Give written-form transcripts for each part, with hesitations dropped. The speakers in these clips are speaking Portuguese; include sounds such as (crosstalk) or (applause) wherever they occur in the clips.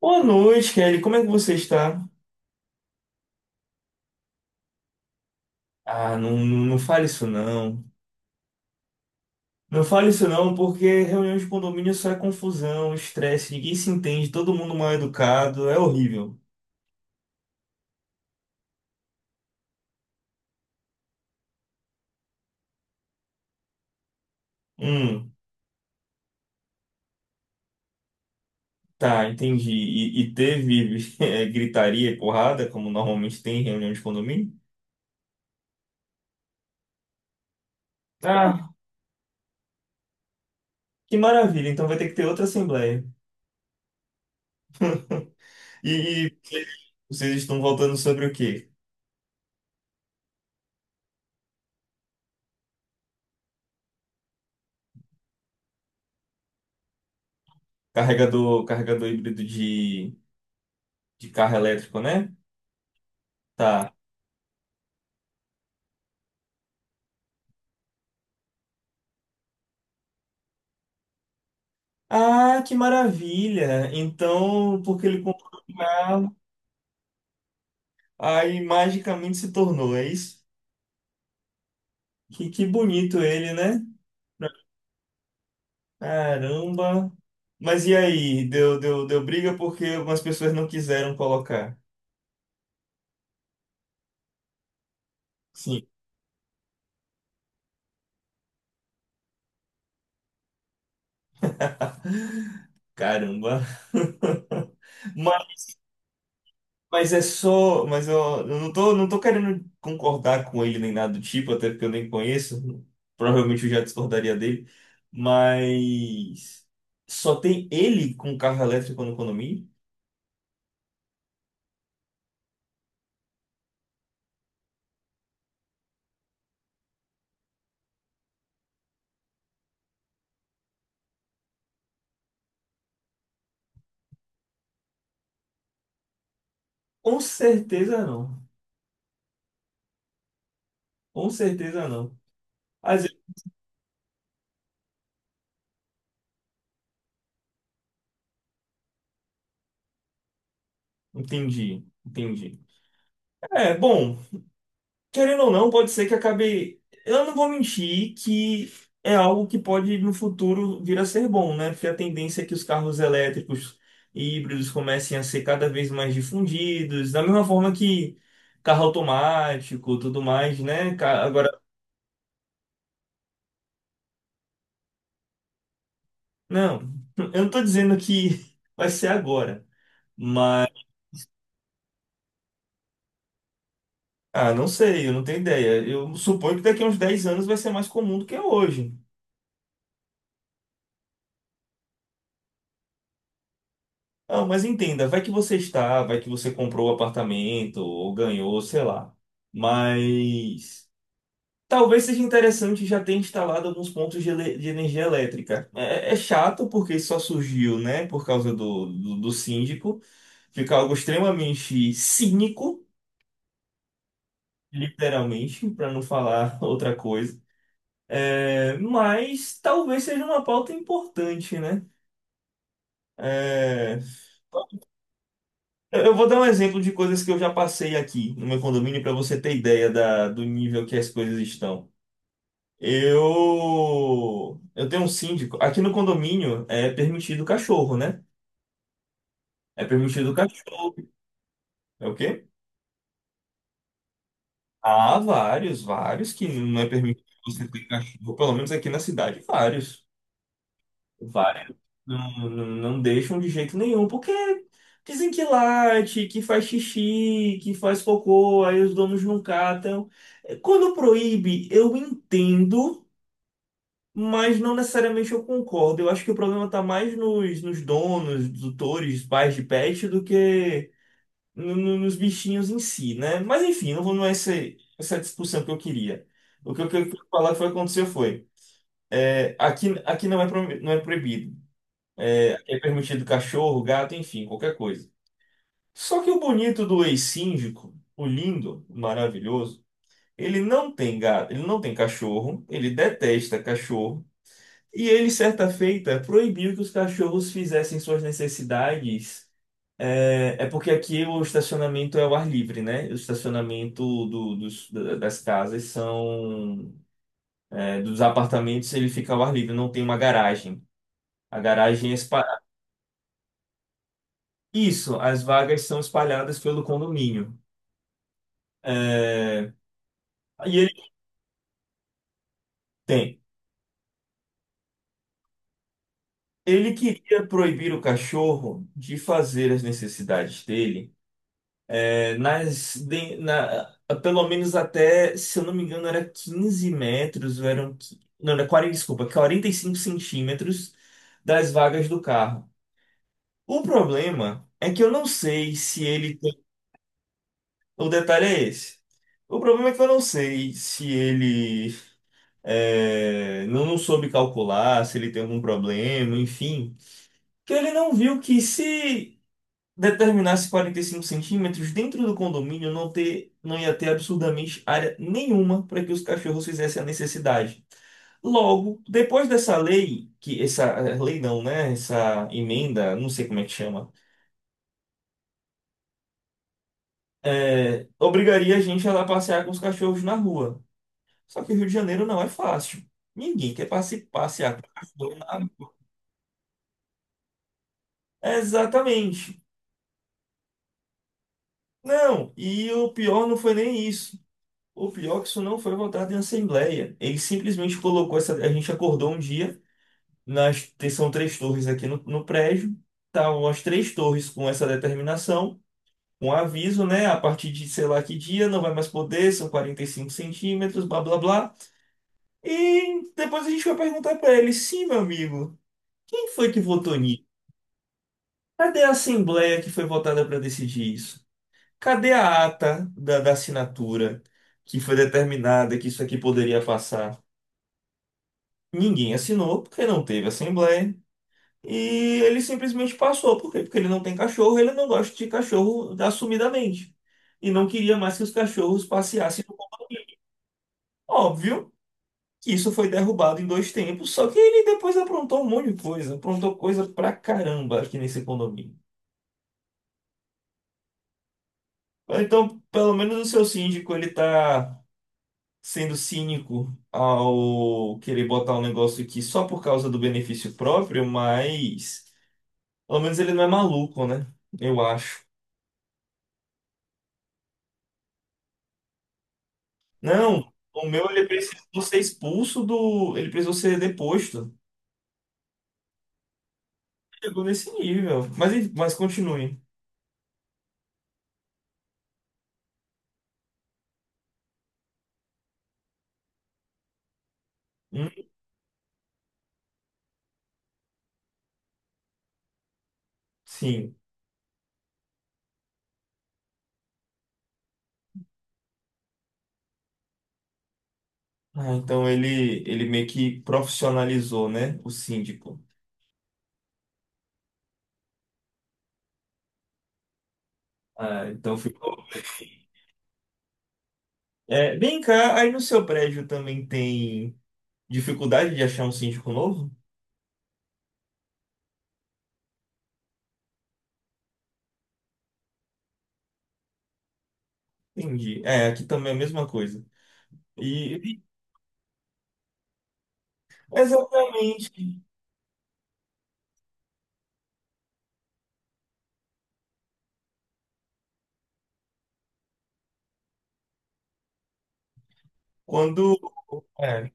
Boa noite, Kelly. Como é que você está? Ah, não, não, não fale isso não. Não fale isso não, porque reunião de condomínio só é confusão, estresse, ninguém se entende, todo mundo mal educado, é horrível. Hum, tá, entendi. E teve (laughs) gritaria e porrada, como normalmente tem em reunião de condomínio? Ah, que maravilha. Então vai ter que ter outra assembleia. E vocês estão voltando sobre o quê? Carregador híbrido de carro elétrico, né? Tá. Ah, que maravilha! Então, porque ele comprou o carro, aí magicamente se tornou, é isso? Que bonito ele, né? Caramba! Mas e aí? Deu briga porque algumas pessoas não quiseram colocar. Sim, caramba! (laughs) Mas é só. Mas eu não tô querendo concordar com ele nem nada do tipo, até porque eu nem conheço. Provavelmente eu já discordaria dele. Mas. Só tem ele com carro elétrico no condomínio? Com certeza não. Com certeza não. Mas eu entendi, entendi. É, bom. Querendo ou não, pode ser que acabe. Eu não vou mentir que é algo que pode no futuro vir a ser bom, né? Porque a tendência é que os carros elétricos e híbridos comecem a ser cada vez mais difundidos, da mesma forma que carro automático, tudo mais, né? Agora, não, (laughs) eu não tô dizendo que (laughs) vai ser agora, mas ah, não sei, eu não tenho ideia. Eu suponho que daqui a uns 10 anos vai ser mais comum do que é hoje. Ah, mas entenda, vai que você está, vai que você comprou o apartamento ou ganhou, sei lá. Mas talvez seja interessante já ter instalado alguns pontos de energia elétrica. É, é chato porque só surgiu, né, por causa do síndico. Fica algo extremamente cínico, literalmente, para não falar (laughs) outra coisa. É, mas talvez seja uma pauta importante, né? É. Eu vou dar um exemplo de coisas que eu já passei aqui no meu condomínio para você ter ideia do nível que as coisas estão. Eu tenho um síndico. Aqui no condomínio é permitido cachorro, né? É permitido cachorro. É o quê? Há vários, vários que não é permitido você ter cachorro, pelo menos aqui na cidade, vários. Vários. Não, não, não deixam de jeito nenhum, porque dizem que late, que faz xixi, que faz cocô, aí os donos não catam. É, quando proíbe, eu entendo, mas não necessariamente eu concordo. Eu acho que o problema está mais nos donos, tutores, pais de pet, do que nos bichinhos em si, né? Mas enfim, não, não é essa discussão que eu queria. O que eu queria falar que foi acontecer foi, aqui não é proibido. É, é permitido cachorro, gato, enfim, qualquer coisa. Só que o bonito do ex-síndico, o lindo, o maravilhoso, ele não tem gato, ele não tem cachorro, ele detesta cachorro, e ele, certa feita, proibiu que os cachorros fizessem suas necessidades. É, é porque aqui o estacionamento é ao ar livre, né? O estacionamento das casas são, dos apartamentos, ele fica ao ar livre, não tem uma garagem. A garagem é. Isso, as vagas são espalhadas pelo condomínio. É. E ele tem. Ele queria proibir o cachorro de fazer as necessidades dele, é, nas, de- na, pelo menos até, se eu não me engano, era 15 metros, ou eram, não, era 45 centímetros das vagas do carro. O problema é que eu não sei se ele tem. O detalhe é esse. O problema é que eu não sei se ele não, não soube calcular se ele tem algum problema, enfim. Que ele não viu que se determinasse 45 centímetros dentro do condomínio não ter, não ia ter absurdamente área nenhuma para que os cachorros fizessem a necessidade. Logo, depois dessa lei, que essa lei não, né? Essa emenda, não sei como é que chama, obrigaria a gente a lá passear com os cachorros na rua. Só que o Rio de Janeiro não é fácil. Ninguém quer passear com o cachorro na rua. Exatamente. Não, e o pior não foi nem isso. O pior é que isso não foi votado em assembleia. Ele simplesmente colocou essa. A gente acordou um dia, são três torres aqui no prédio, estavam as três torres com essa determinação, um aviso, né? A partir de sei lá que dia, não vai mais poder, são 45 centímetros, blá blá blá. E depois a gente vai perguntar para ele: sim, meu amigo, quem foi que votou nisso? Cadê a assembleia que foi votada para decidir isso. Cadê a ata da assinatura que foi determinada que isso aqui poderia passar? Ninguém assinou porque não teve assembleia. E ele simplesmente passou. Por quê? Porque ele não tem cachorro, ele não gosta de cachorro assumidamente. E não queria mais que os cachorros passeassem. Óbvio que isso foi derrubado em dois tempos, só que ele depois aprontou um monte de coisa. Aprontou coisa pra caramba aqui nesse condomínio. Então, pelo menos o seu síndico, ele tá sendo cínico ao querer botar um negócio aqui só por causa do benefício próprio, mas pelo menos ele não é maluco, né? Eu acho. Não, o meu ele precisou ser expulso do. Ele precisou ser deposto. Chegou nesse nível. Mas, enfim, mas continue. Hum, sim. Ah, então ele meio que profissionalizou, né? O síndico. Ah, então ficou. É, vem cá, aí no seu prédio também tem dificuldade de achar um síndico novo? Entendi. É, aqui também é a mesma coisa. E exatamente quando, é,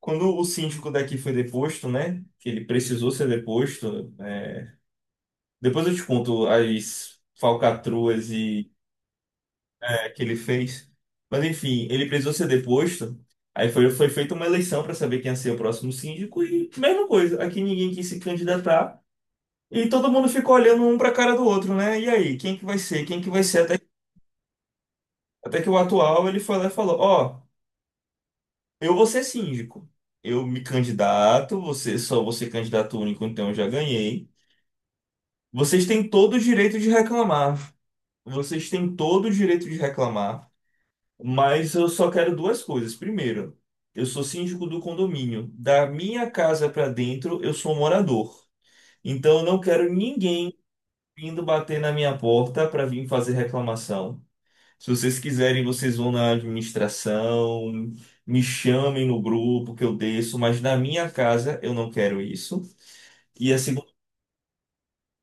quando o síndico daqui foi deposto, né? Que ele precisou ser deposto. Depois eu te conto as falcatruas e que ele fez. Mas enfim, ele precisou ser deposto. Aí foi feita uma eleição para saber quem ia ser o próximo síndico e mesma coisa. Aqui ninguém quis se candidatar e todo mundo ficou olhando um para a cara do outro, né? E aí, quem que vai ser? Quem que vai ser? Até que o atual ele foi lá e falou, ó, eu vou ser síndico. Eu me candidato, você só você candidato único, então eu já ganhei. Vocês têm todo o direito de reclamar. Vocês têm todo o direito de reclamar, mas eu só quero duas coisas. Primeiro, eu sou síndico do condomínio. Da minha casa para dentro, eu sou morador. Então eu não quero ninguém vindo bater na minha porta para vir fazer reclamação. Se vocês quiserem, vocês vão na administração, me chamem no grupo que eu desço, mas na minha casa eu não quero isso. E a segunda,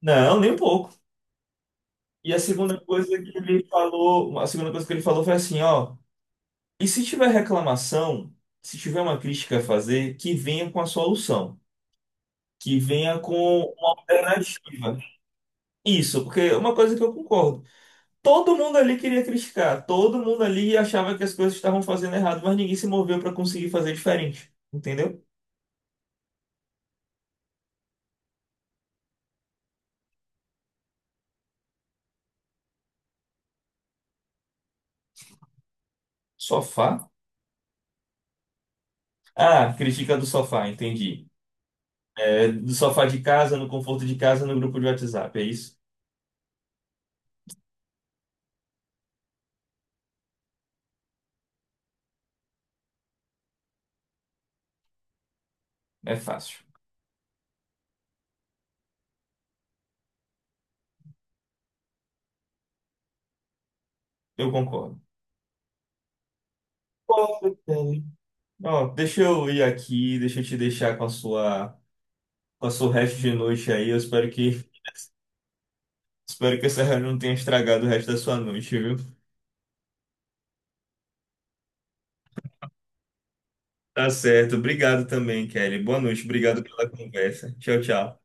não, nem um pouco. E a segunda coisa que ele falou, a segunda coisa que ele falou foi assim, ó, e se tiver reclamação, se tiver uma crítica a fazer, que venha com a solução, que venha com uma alternativa. Isso, porque é uma coisa que eu concordo. Todo mundo ali queria criticar, todo mundo ali achava que as coisas estavam fazendo errado, mas ninguém se moveu para conseguir fazer diferente, entendeu? Sofá? Ah, crítica do sofá, entendi. É, do sofá de casa, no conforto de casa, no grupo de WhatsApp, é isso? É fácil. Eu concordo. Concordo, Kelly. Ó, deixa eu ir aqui, deixa eu te deixar com a sua, resto de noite aí. Eu espero que essa reunião não tenha estragado o resto da sua noite, viu? Tá certo. Obrigado também, Kelly. Boa noite. Obrigado pela conversa. Tchau, tchau.